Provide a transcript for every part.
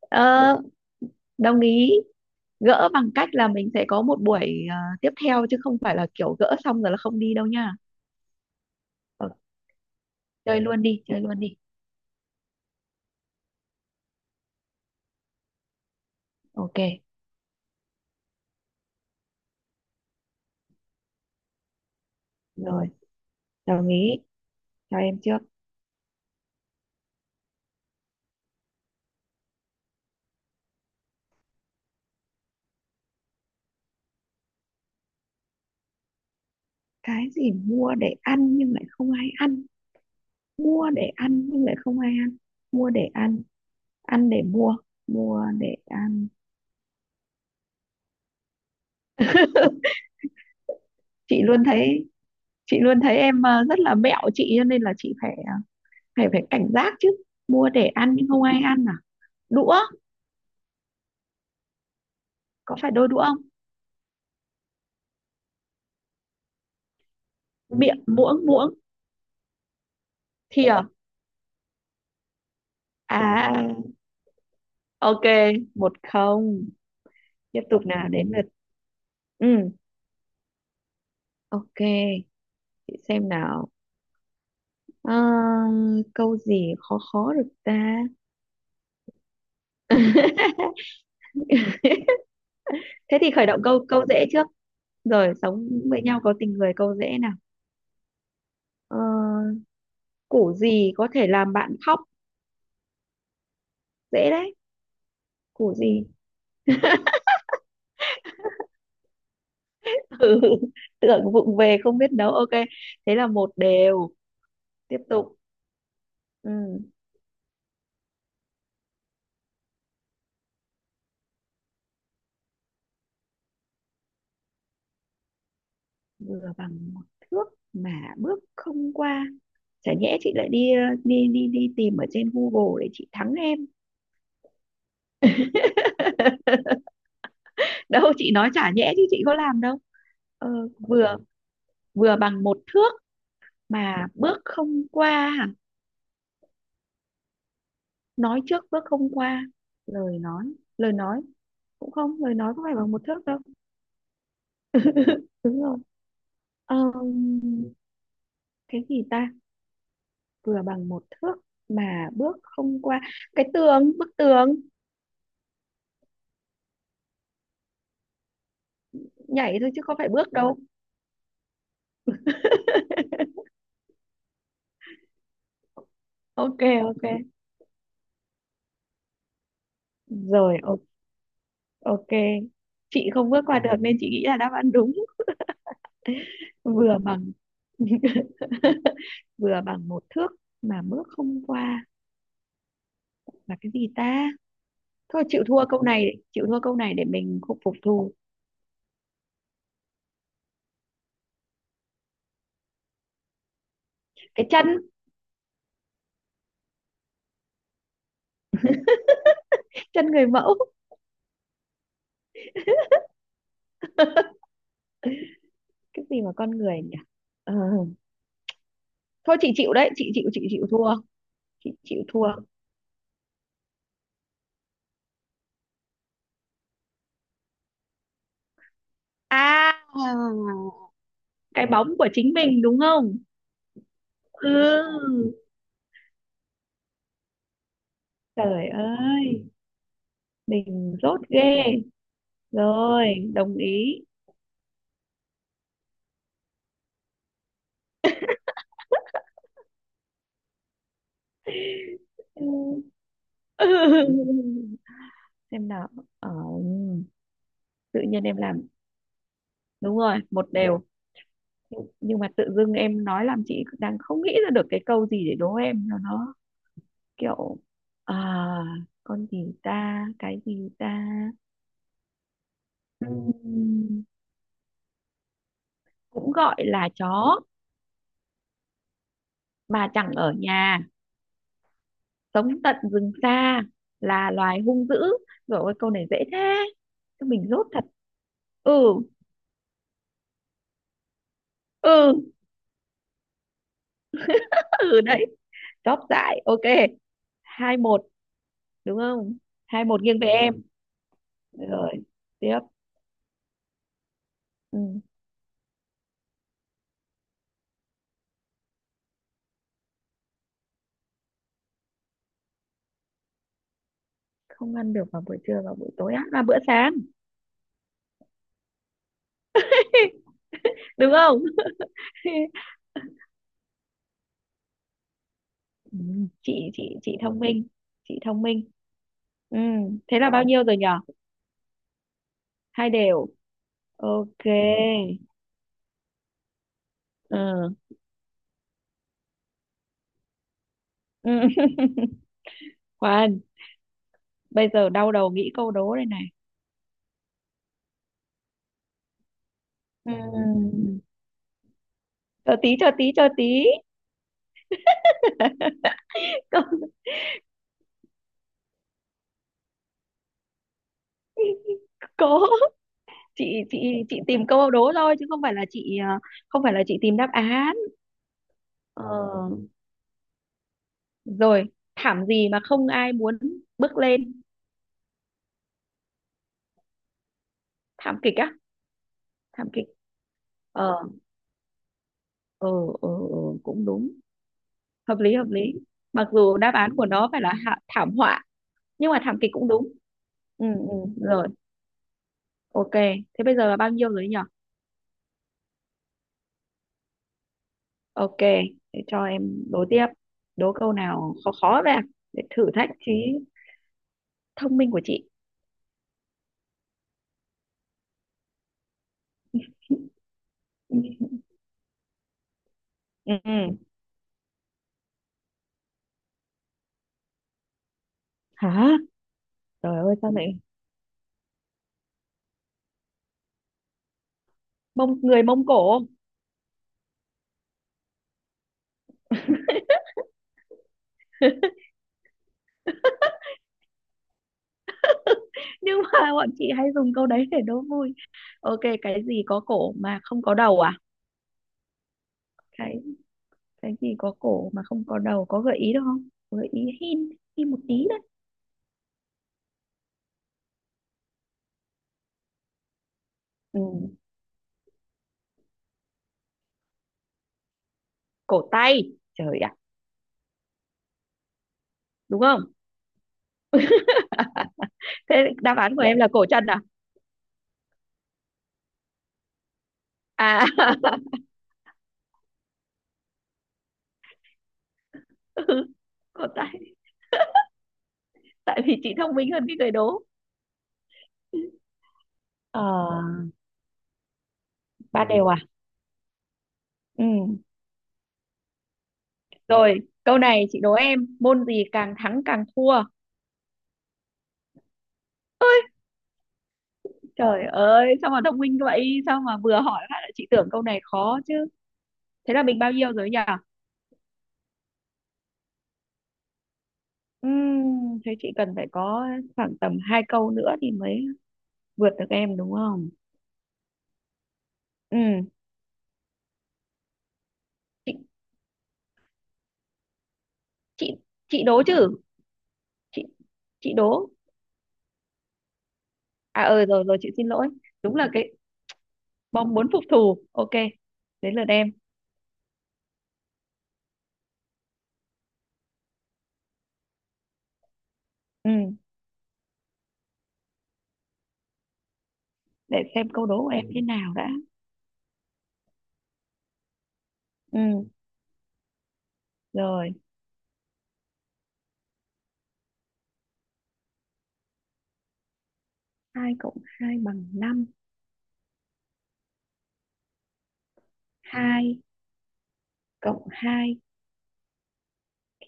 Ờ, đồng ý gỡ bằng cách là mình sẽ có một buổi tiếp theo chứ không phải là kiểu gỡ xong rồi là không đi đâu nha. Ờ, chơi luôn đi chơi luôn đi. Ok. Rồi, đồng ý cho em trước. Cái gì mua để ăn nhưng lại không ai ăn? Mua để ăn nhưng lại không ai ăn. Mua để ăn, ăn để mua, mua để ăn. Chị luôn thấy, chị luôn thấy em à, rất là mẹo chị cho nên là chị phải phải phải cảnh giác chứ. Mua để ăn nhưng không ai ăn à? Đũa. Có phải đôi đũa không? Miệng. Muỗng, muỗng. Thìa. À. À. Ok. Một không. Tiếp tục nào, đến lượt. Ừ. Ok. Chị xem nào. Ờ, câu gì khó khó được ta? Thế thì khởi động câu câu dễ trước rồi. Sống với nhau có tình người, câu dễ nào. Ờ, củ gì có thể làm bạn khóc? Dễ đấy. Củ gì? Ừ, tưởng vụng về không biết nấu. Ok. Thế là một đều. Tiếp tục. Ừ. Vừa bằng một thước mà bước không qua. Chả nhẽ chị lại đi đi tìm ở trên Google để chị thắng em? Đâu, chị nói chả nhẽ chứ chị có làm đâu. ờ, Vừa, vừa bằng một thước mà bước không qua hả? Nói trước bước không qua. Lời nói, lời nói cũng không. Lời nói có phải bằng một thước đâu. Đúng rồi. Ờ, cái gì ta? Vừa bằng một thước mà bước không qua. Cái tường, bức tường. Nhảy thôi chứ không phải bước đâu. Ok. Ok. Rồi, ok. Chị không bước qua được nên chị nghĩ là đáp án đúng. Vừa bằng vừa bằng một thước mà bước không qua là cái gì ta? Thôi, chịu thua câu này, chịu thua câu này để mình không phục thù. Cái chân, chân người mẫu. Cái gì mà con người nhỉ? Ờ, thôi chị chịu đấy, chị chịu thua. Chị chịu thua. À, cái bóng của chính mình đúng không? Ừ. Trời ơi, mình dốt ghê. Rồi, đồng ý. Ừ. Xem nào. ờ, Tự nhiên em làm đúng rồi một đều. Nhưng mà tự dưng em nói làm chị đang không nghĩ ra được cái câu gì để đố em cho nó kiểu. À, con gì ta, cái gì ta? Ừm, cũng gọi là chó mà chẳng ở nhà, sống tận rừng xa, là loài hung dữ. Rồi, ôi câu này dễ thế, chứ mình dốt thật. Ừ. Ừ. Ừ đấy. Chóp dại. Ok. Hai một đúng không? Hai một nghiêng về em. Rồi, tiếp. Ừ. Không ăn được vào buổi trưa và buổi tối, ăn vào bữa sáng. Đúng không? Ừ. chị thông minh, chị thông minh. Ừ. Thế là bao nhiêu rồi nhở? Hai đều. Ok. Đúng rồi. Ừ. Ừ. Khoan, bây giờ đau đầu nghĩ câu đố đây này. Ừ. Chờ tí, chờ tí, chờ tí. Câu- Cố. Chị tìm câu đố thôi chứ không phải là chị không phải là chị tìm đáp án. ờ, Rồi, thảm gì mà không ai muốn bước lên? Thảm kịch á? Thảm kịch. ờ ờ Cũng đúng. Hợp lý, hợp lý. Mặc dù đáp án của nó phải là thảm họa, nhưng mà thảm kịch cũng đúng. Ừ, ừ. Rồi, ok. Thế bây giờ là bao nhiêu rồi nhỉ? Ok, để cho em đố tiếp. Đố câu nào khó khó ra, để thử thách trí thông minh của chị. Ừ. Ừ. Hả? Trời ơi, sao lại Mông, người Mông Cổ? Nhưng mà bọn chị hay dùng câu đấy để đố vui. Ok, cái gì có cổ mà không có đầu à? Cái cái gì có cổ mà không có đầu, có gợi ý được không? Gợi ý hin, hin một tí đấy. Ừ. Cổ tay, trời ạ. Đúng không? Thế đáp án của dạ em là cổ chân à? À. Ừ, cổ tay, tại vì chị thông minh hơn cái người đố. Ờ. Ba. Ừ. Đều à? Ừ. Rồi, câu này chị đố em. Môn gì càng thắng càng thua? Trời ơi, sao mà thông minh vậy? Sao mà vừa hỏi phát là chị tưởng câu này khó chứ? Thế là mình bao nhiêu rồi nhỉ? Thế chị cần phải có khoảng tầm hai câu nữa thì mới vượt được em đúng không? Ừm, chị chị chị đố chứ? Chị chị đố. À, ờ, rồi, rồi, chị xin lỗi. Đúng là cái bom muốn phục thù. Ok. Đến lượt em. Ừm, để xem câu đố của em thế nào đã. Ừm, Rồi, 2 cộng 2 bằng năm. Hai cộng 2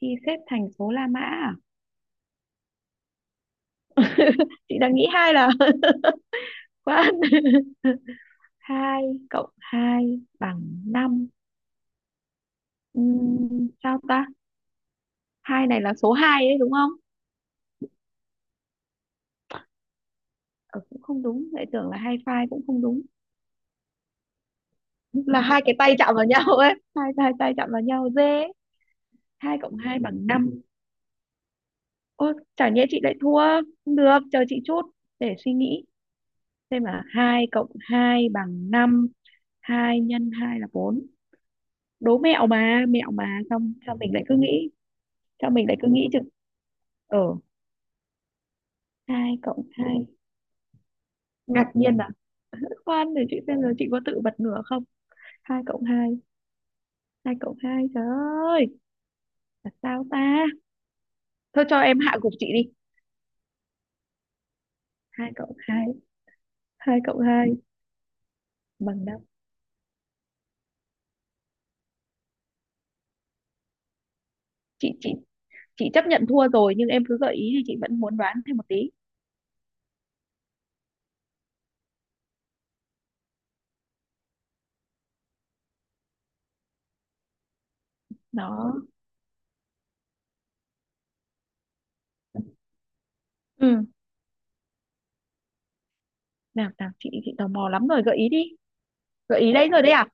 khi xếp thành số La Mã à? Chị đang nghĩ hai là quá. Hai cộng 2 bằng năm. Sao ta? Hai này là số hai đấy đúng không? Ờ, cũng không đúng, lại tưởng là hai phai cũng không đúng. Là hai cái tay chạm vào nhau ấy, hai hai tay chạm vào nhau dê. Hai cộng 2 bằng năm. Ô, chả nhẽ chị lại thua. Không được, chờ chị chút để suy nghĩ. Xem là 2 cộng 2 bằng năm. Hai nhân 2 là bốn. Đố mẹo mà, mẹo mà, xong sao mình lại cứ nghĩ, sao mình lại cứ nghĩ chừng ở hai cộng hai. Ngạc nhiên à? Khoan, để chị xem rồi chị có tự bật ngửa không. Hai cộng hai, hai cộng hai, trời ơi, là sao ta? Thôi cho em hạ gục chị đi. Hai cộng hai, hai cộng hai bằng năm. Chị chị chị chấp nhận thua rồi nhưng em cứ gợi ý thì chị vẫn muốn đoán thêm một tí đó. Ừ, nào nào, chị tò mò lắm rồi, gợi ý đi. Gợi ý đấy rồi đấy à?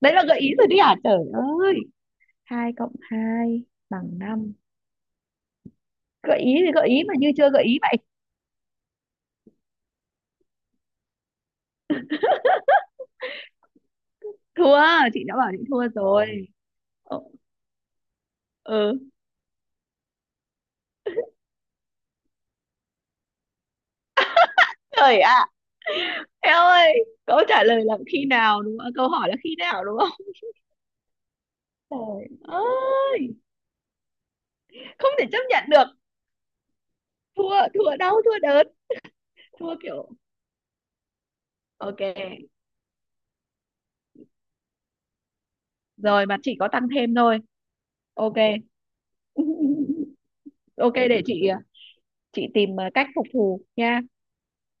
Đấy là gợi ý rồi đấy à, trời ơi? Hai cộng hai bằng năm. Gợi ý thì gợi ý mà như chưa gợi ý vậy. Thua, chị đã bảo chị thua rồi. Ờ. Ừ, trời ạ. Em ơi, câu trả lời là khi nào đúng không? À, câu hỏi là khi nào đúng không? Trời ơi, không thể chấp nhận được. Thua, thua đau, thua đớn. Thua kiểu. Ok, rồi mà chỉ có tăng thêm thôi. Ok. Ok, để chị tìm cách phục thù nha.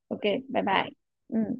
Ok. Bye bye. Ừ.